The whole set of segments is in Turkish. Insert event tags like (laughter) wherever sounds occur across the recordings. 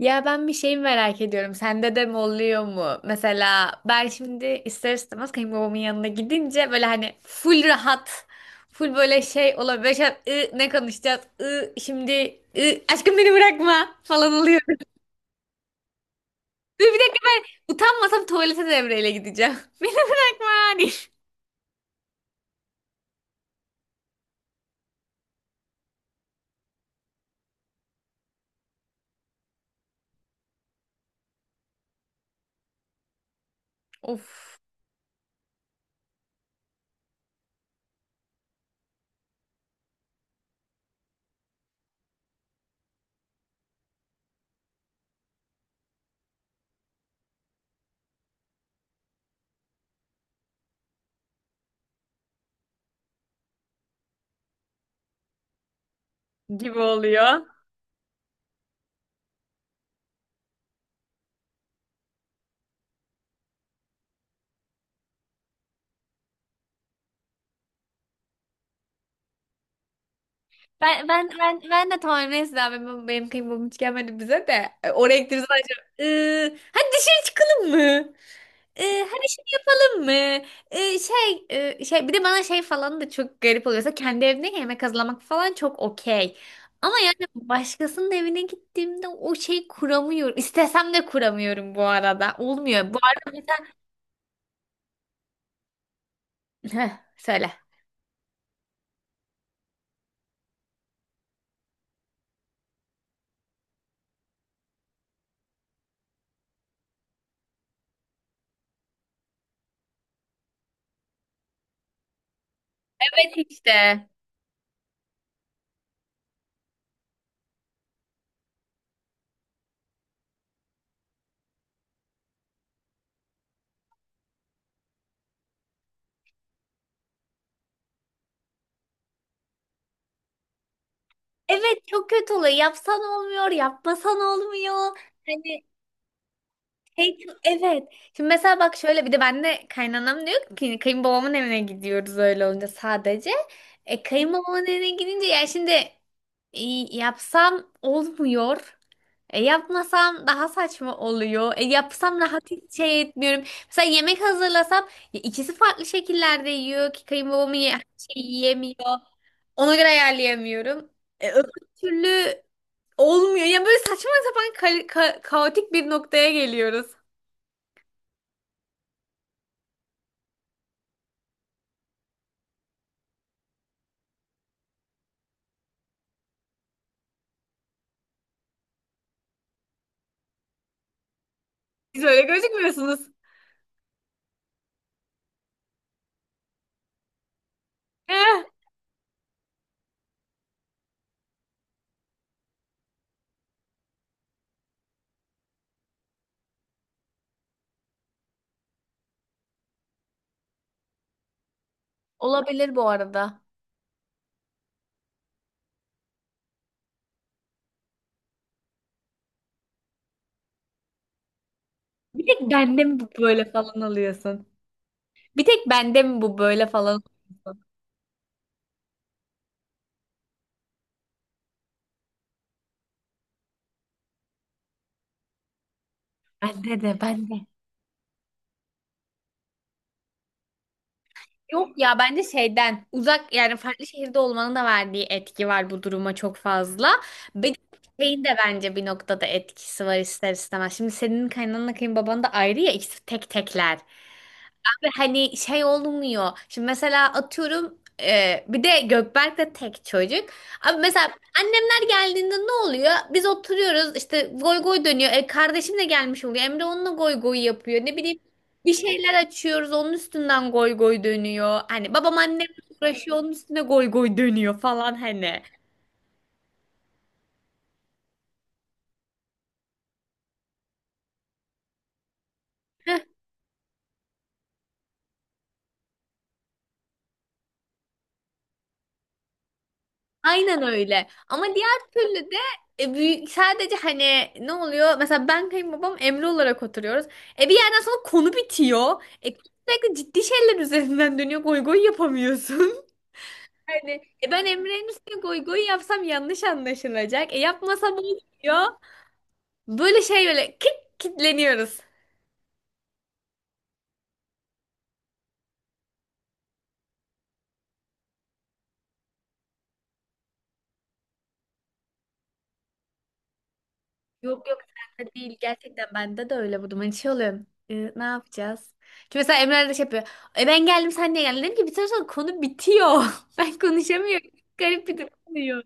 Ya ben bir şey merak ediyorum. Sende de mi oluyor mu? Mesela ben şimdi ister istemez kayınbabamın yanına gidince böyle hani full rahat, full böyle şey olabilir. Böyle şey, ne konuşacağız? Aşkım beni bırakma" falan oluyor. (laughs) Dur bir dakika, ben utanmasam tuvalete devreyle gideceğim. (laughs) Beni bırakma hani. Of, gibi oluyor. Ben de tamam neyse abi, benim kıymam hiç gelmedi bize de. Oraya gideriz acaba. Hadi dışarı çıkalım mı? Ee, hadi şey yapalım mı? Şey bir de bana şey falan da çok garip oluyorsa, kendi evimde yemek hazırlamak falan çok okey. Ama yani başkasının evine gittiğimde o şey kuramıyorum. İstesem de kuramıyorum bu arada. Olmuyor. Bu arada mesela... Heh, söyle. Evet işte. Evet, çok kötü oluyor. Yapsan olmuyor, yapmasan olmuyor. Hani, hey, evet. Şimdi mesela bak şöyle, bir de ben de kaynanam diyor ki kayınbabamın evine gidiyoruz öyle olunca sadece. Kayınbabamın evine gidince ya şimdi e, yapsam olmuyor. Yapmasam daha saçma oluyor. Yapsam rahat hiç şey etmiyorum. Mesela yemek hazırlasam, ya ikisi farklı şekillerde yiyor ki kayınbabamın şey yiyemiyor. Ona göre ayarlayamıyorum. Öbür türlü olmuyor. Yani böyle saçma sapan kaotik bir noktaya geliyoruz. Siz öyle gözükmüyorsunuz. Eh, olabilir bu arada. Bir tek bende mi bu böyle falan alıyorsun? Bir tek bende mi bu böyle falan alıyorsun? Bende de bende. Yok ya, bence şeyden uzak, yani farklı şehirde olmanın da verdiği etki var bu duruma çok fazla. Bir şeyin de bence bir noktada etkisi var ister istemez. Şimdi senin kaynananla kayınbaban da ayrı ya, ikisi tek tekler. Abi hani şey olmuyor. Şimdi mesela atıyorum, bir de Gökberk de tek çocuk. Abi mesela annemler geldiğinde ne oluyor? Biz oturuyoruz işte goy goy dönüyor. Kardeşim de gelmiş oluyor. Emre onunla goy goy yapıyor. Ne bileyim, bir şeyler açıyoruz onun üstünden goy goy dönüyor. Hani babam annem uğraşıyor onun üstüne goy goy dönüyor falan hani. Aynen öyle. Ama diğer türlü de büyük, sadece hani ne oluyor? Mesela ben kayınbabam Emre olarak oturuyoruz. Bir yerden sonra konu bitiyor. Sürekli ciddi şeyler üzerinden dönüyor. Goy goy yapamıyorsun. (laughs) Hani ben Emre'nin üstüne goy goy yapsam yanlış anlaşılacak. Yapmasam olmuyor. Böyle şey böyle kitleniyoruz. Yok, yok, sende değil. Gerçekten bende de öyle bu durum. Hani şey oluyor. Ne yapacağız? Çünkü mesela Emre de şey yapıyor. Ben geldim, sen niye geldin? Dedim ki, bir süre sonra konu bitiyor. (laughs) Ben konuşamıyorum. Garip bir durum oluyor.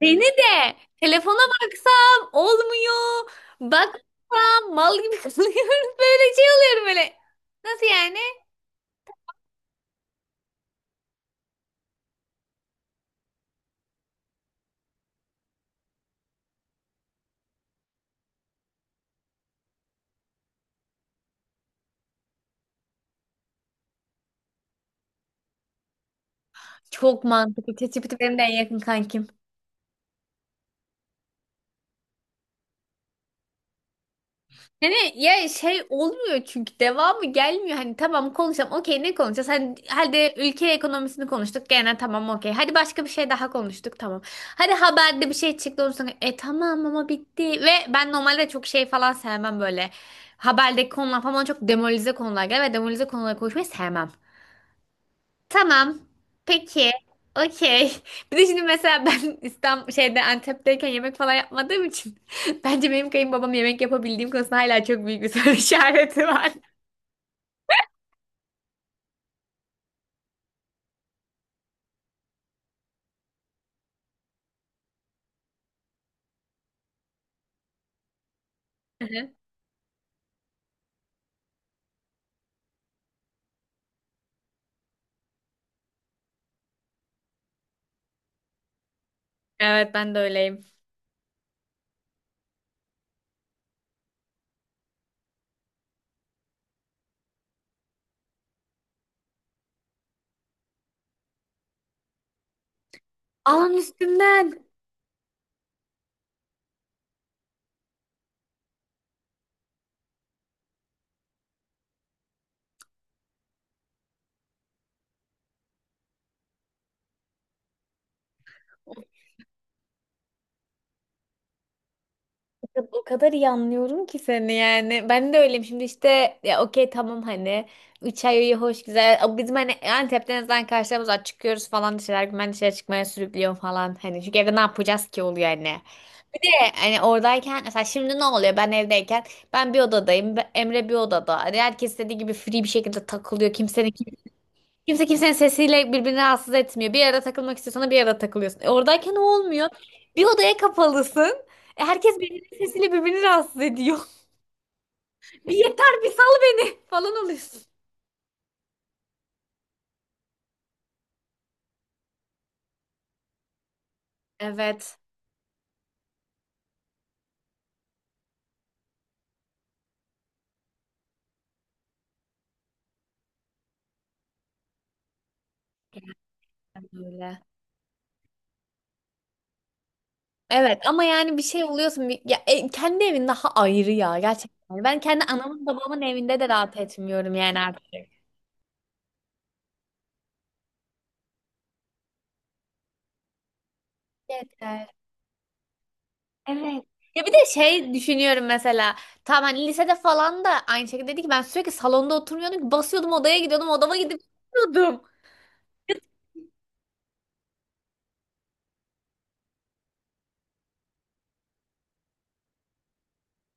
Beni de telefona baksam olmuyor. Baksam mal gibi (laughs) kalıyorum. Böyle şey oluyorum böyle. Nasıl yani? Çok mantıklı. ChatGPT benim de en yakın kankim. Yani ya şey olmuyor çünkü devamı gelmiyor. Hani tamam konuşalım. Okey, ne konuşacağız? Hani hadi ülke ekonomisini konuştuk. Gene tamam okey. Hadi başka bir şey daha konuştuk. Tamam. Hadi haberde bir şey çıktı. Ondan sonra tamam ama bitti. Ve ben normalde çok şey falan sevmem böyle. Haberdeki konular falan bana çok demolize konular gelir ve demolize konuları konuşmayı sevmem. Tamam. Peki. Okey. (laughs) Bir de şimdi mesela ben (laughs) İstanbul şeyde Antep'teyken yemek falan yapmadığım için (laughs) bence benim kayınbabam yemek yapabildiğim konusunda hala çok büyük bir (laughs) soru işareti var. Hı hı. Evet, ben de öyleyim. Alan üstünden. O kadar iyi anlıyorum ki seni yani. Ben de öyleyim. Şimdi işte ya okey tamam hani. 3 ay iyi hoş güzel. Ama bizim hani Antep'te en azından karşılarımız var. Çıkıyoruz falan dışarı. Ben dışarı çıkmaya sürüklüyor falan. Hani çünkü evde ne yapacağız ki oluyor hani. Hani oradayken mesela şimdi ne oluyor, ben evdeyken ben bir odadayım, Emre bir odada, hani herkes istediği gibi free bir şekilde takılıyor, kimsenin kimse kimsenin sesiyle birbirini rahatsız etmiyor, bir yere takılmak istiyorsan bir yere takılıyorsun. Oradayken o olmuyor, bir odaya kapalısın. Herkes birbirinin sesiyle birbirini rahatsız ediyor. (laughs) Bir yeter bir sal beni (laughs) falan oluyorsun. Evet öyle. Evet, ama yani bir şey oluyorsun, ya, kendi evin daha ayrı ya, gerçekten ben kendi anamın babamın evinde de rahat etmiyorum yani artık. Yeter. Evet. Ya bir de şey düşünüyorum mesela. Tamam hani lisede falan da aynı şekilde dedi ki, ben sürekli salonda oturmuyordum ki, basıyordum odaya gidiyordum, odama gidip yatıyordum.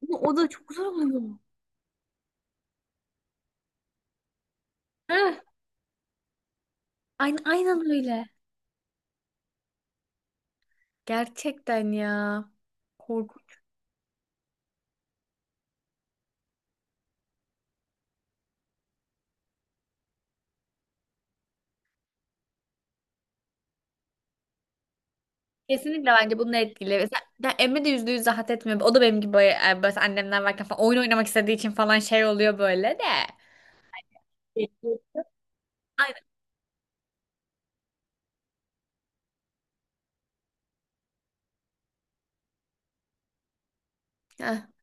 Ama o da çok zor oluyor. Heh, aynen, aynen öyle. Gerçekten ya. Korkunç. Kesinlikle bence bunun etkili. Mesela ben Emre de %100 rahat etmiyor. O da benim gibi, böyle annemler varken falan oyun oynamak istediği için falan şey oluyor böyle de. Evet. Aynen.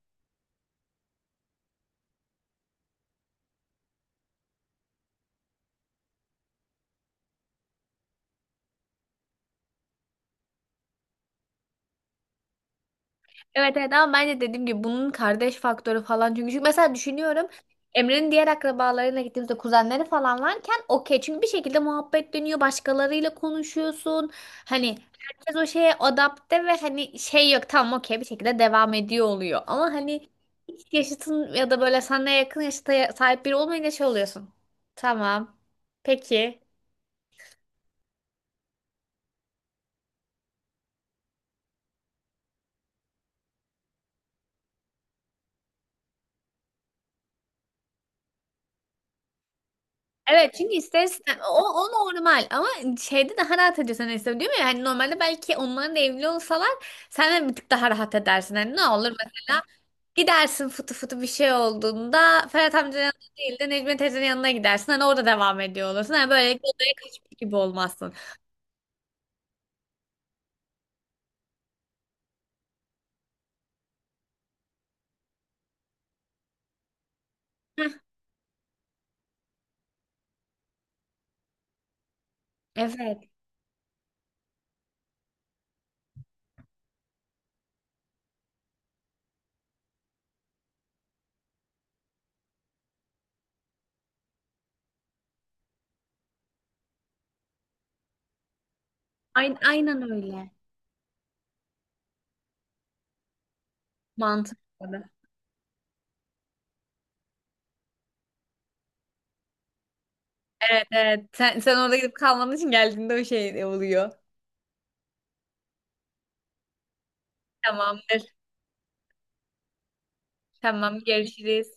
Evet evet, ama ben de dediğim gibi bunun kardeş faktörü falan çünkü mesela düşünüyorum Emre'nin diğer akrabalarıyla gittiğimizde kuzenleri falan varken okey, çünkü bir şekilde muhabbet dönüyor, başkalarıyla konuşuyorsun, hani herkes o şeye adapte ve hani şey yok, tamam okey, bir şekilde devam ediyor oluyor, ama hani hiç yaşıtın ya da böyle sana yakın yaşta sahip biri olmayınca şey oluyorsun. Tamam. Peki. Evet çünkü istersen, o normal ama şeyde daha rahat ediyorsun istedim değil mi? Yani normalde belki onların da evli olsalar sen de bir tık daha rahat edersin. Hani ne olur mesela, gidersin fıtı fıtı bir şey olduğunda Ferhat amcanın yanına değil de Necmiye teyzenin yanına gidersin. Hani orada devam ediyor olursun. Hani böyle odaya kaçmış gibi olmazsın. Heh, evet. Aynen, aynen öyle. Mantıklı. Evet, evet. Sen orada gidip kalmadığın için geldiğinde o şey oluyor. Tamamdır. Tamam, görüşürüz.